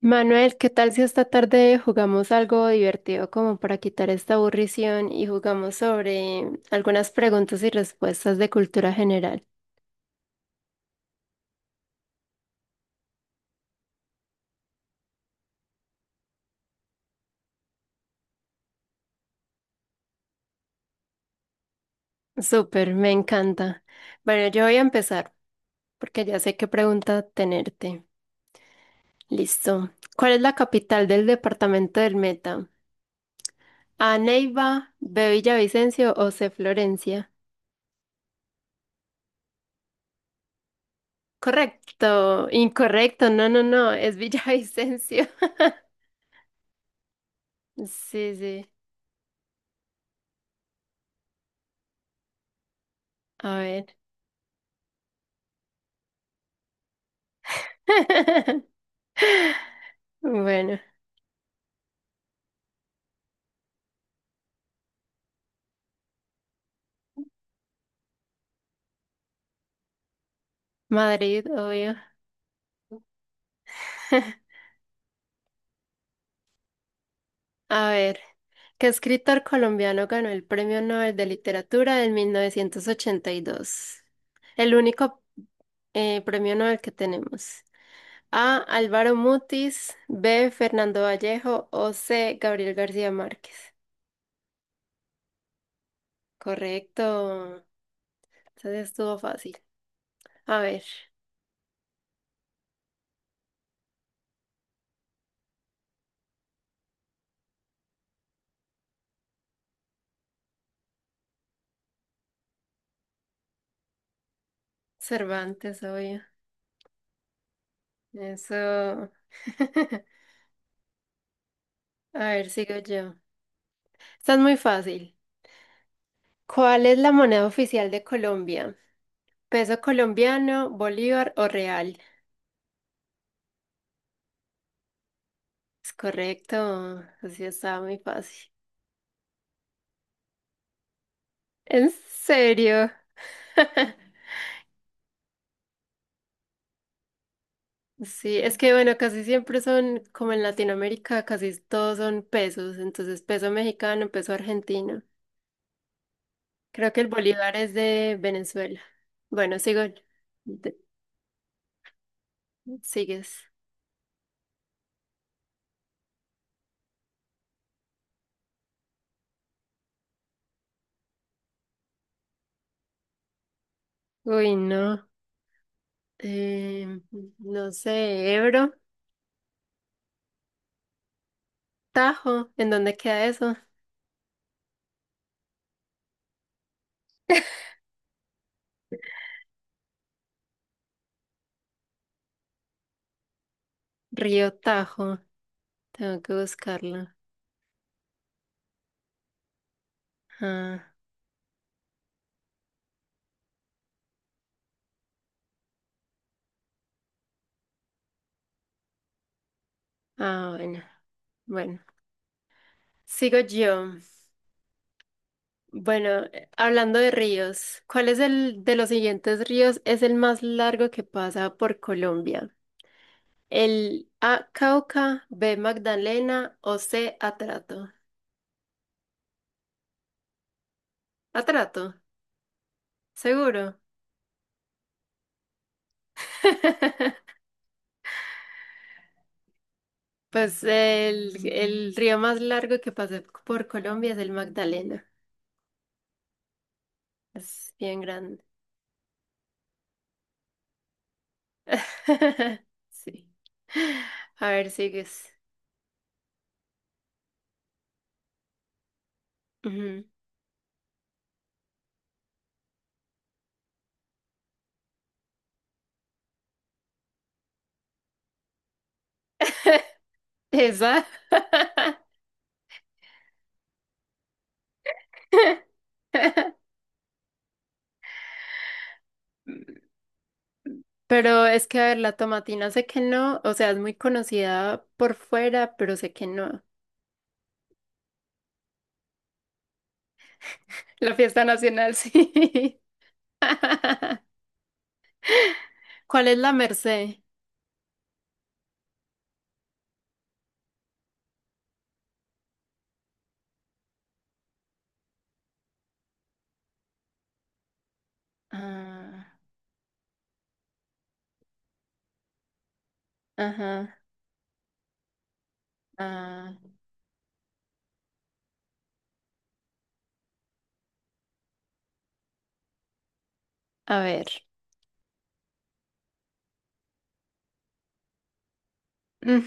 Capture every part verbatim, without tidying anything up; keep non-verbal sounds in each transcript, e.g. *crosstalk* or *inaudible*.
Manuel, ¿qué tal si esta tarde jugamos algo divertido como para quitar esta aburrición y jugamos sobre algunas preguntas y respuestas de cultura general? Súper, me encanta. Bueno, yo voy a empezar porque ya sé qué pregunta tenerte. Listo. ¿Cuál es la capital del departamento del Meta? ¿A Neiva, B Villavicencio o C Florencia? Correcto, incorrecto, no, no, no, es Villavicencio. *laughs* Sí, sí, a ver. *laughs* Bueno, Madrid, obvio. *laughs* A ver, ¿qué escritor colombiano ganó el Premio Nobel de Literatura en mil novecientos ochenta y dos? El único eh, premio Nobel que tenemos. A, Álvaro Mutis, B, Fernando Vallejo o C, Gabriel García Márquez. Correcto. Entonces estuvo fácil. A ver, Cervantes, obvio. Eso. *laughs* A ver, sigo yo. Está muy fácil. ¿Cuál es la moneda oficial de Colombia? ¿Peso colombiano, bolívar o real? Es correcto. Así estaba muy fácil. ¿En serio? *laughs* Sí, es que bueno, casi siempre son, como en Latinoamérica, casi todos son pesos. Entonces, peso mexicano, peso argentino. Creo que el bolívar es de Venezuela. Bueno, sigo. de- Sigues. Uy, no. Eh, no sé, Ebro, Tajo, ¿en dónde queda eso? Río Tajo, tengo que buscarlo. Ah, ah, bueno, bueno. Sigo yo. Bueno, eh, hablando de ríos, ¿cuál es el de los siguientes ríos es el más largo que pasa por Colombia? El A, Cauca, B, Magdalena o C, Atrato. Atrato, seguro. *laughs* Pues el, el río más largo que pasa por Colombia es el Magdalena. Es bien grande. *laughs* Sí. A ver, sigues. Ujú. *laughs* Esa. *laughs* Pero es que, a ver, la tomatina sé que no, o sea, es muy conocida por fuera, pero sé que no. La fiesta nacional, sí. *laughs* ¿Cuál es la Merced? Ah, ajá, ah, a ver. Mm,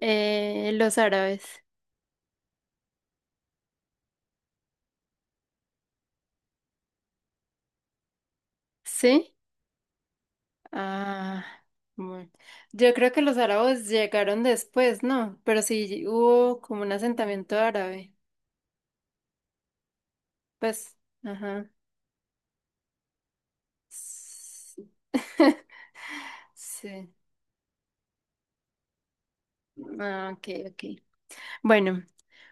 eh, los árabes, ¿sí? Ah, bueno. Yo creo que los árabes llegaron después, ¿no? Pero sí hubo como un asentamiento árabe. Pues, ajá. Sí. *laughs* Sí. Ah, ok, ok. Bueno,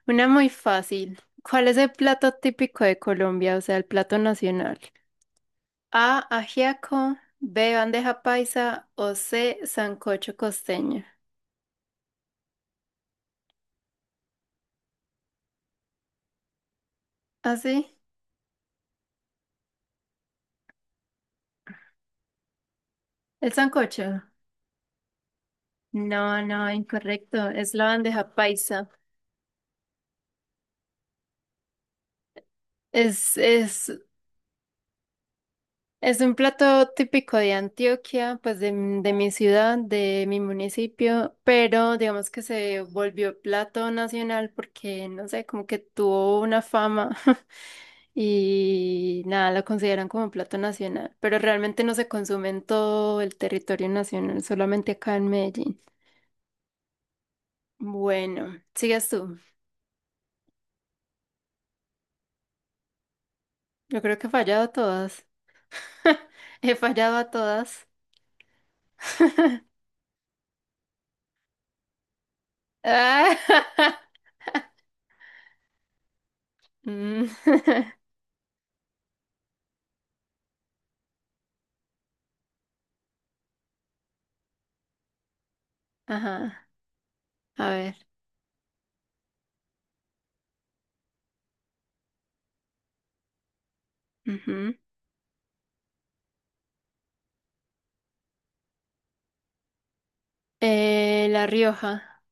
una muy fácil. ¿Cuál es el plato típico de Colombia? O sea, el plato nacional. A, ajiaco, B, bandeja paisa o C, sancocho costeño. ¿Ah, sí? ¿El sancocho? No, no, incorrecto. Es la bandeja paisa. Es, es, es un plato típico de Antioquia, pues de, m- de mi ciudad, de mi municipio, pero digamos que se volvió plato nacional porque, no sé, como que tuvo una fama *laughs* y nada, la consideran como plato nacional, pero realmente no se consume en todo el territorio nacional, solamente acá en Medellín. Bueno, sigues tú. Yo creo que he fallado a todas. *laughs* He fallado a todas. *laughs* Ah, *laughs* mm, *laughs* ajá, a ver. Ujú. Eh, La Rioja.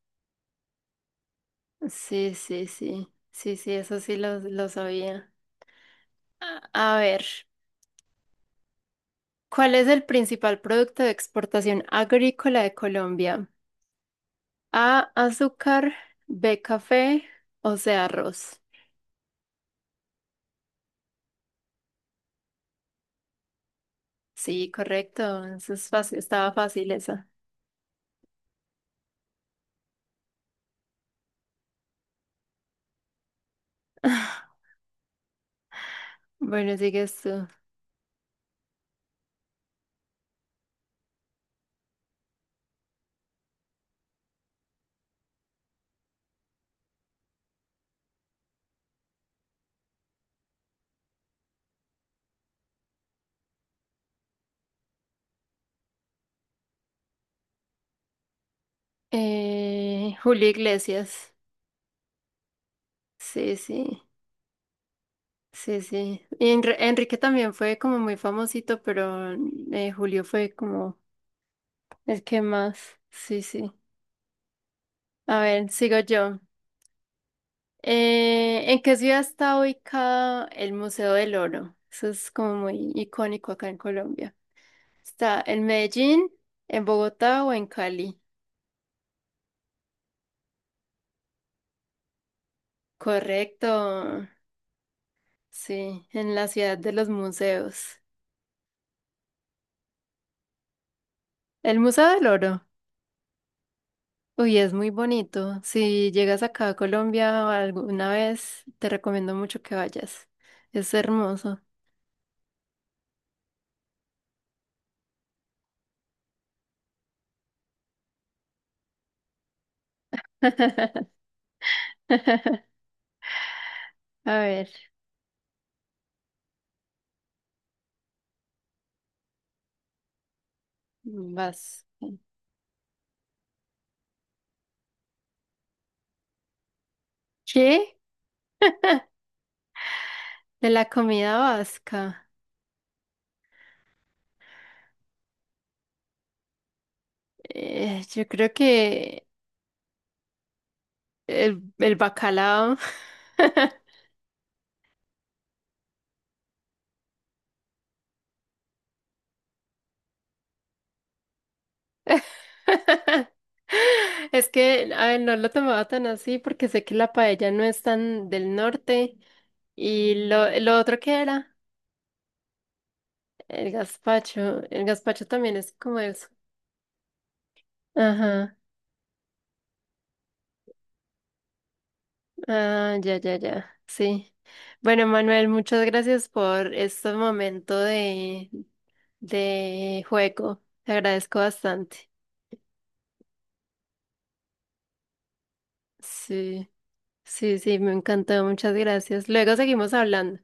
Sí, sí, sí. Sí, sí, eso sí lo, lo sabía. A, a ver, ¿cuál es el principal producto de exportación agrícola de Colombia? A, azúcar, B, café o C, arroz. Sí, correcto. Eso es fácil, estaba fácil esa. Bueno, sigues tú. Eh, Julio Iglesias. Sí, sí. Sí, sí. Y Enri- Enrique también fue como muy famosito, pero eh, Julio fue como el que más. Sí, sí. A ver, sigo yo. Eh, ¿en qué ciudad está ubicado el Museo del Oro? Eso es como muy icónico acá en Colombia. ¿Está en Medellín, en Bogotá o en Cali? Correcto. Sí, en la ciudad de los museos. El Museo del Oro. Uy, es muy bonito. Si llegas acá a Colombia alguna vez, te recomiendo mucho que vayas. Es hermoso. *laughs* A ver, vas. ¿Qué? De la comida vasca. Eh, yo creo que el, el bacalao. *laughs* Es que, a ver, no lo tomaba tan así porque sé que la paella no es tan del norte. ¿Y lo, lo otro que era? El gazpacho, el gazpacho también es como eso. Ajá, ah, ya, ya, ya, sí. Bueno, Manuel, muchas gracias por este momento de, de juego. Te agradezco bastante. Sí, sí, sí, me encantó, muchas gracias. Luego seguimos hablando.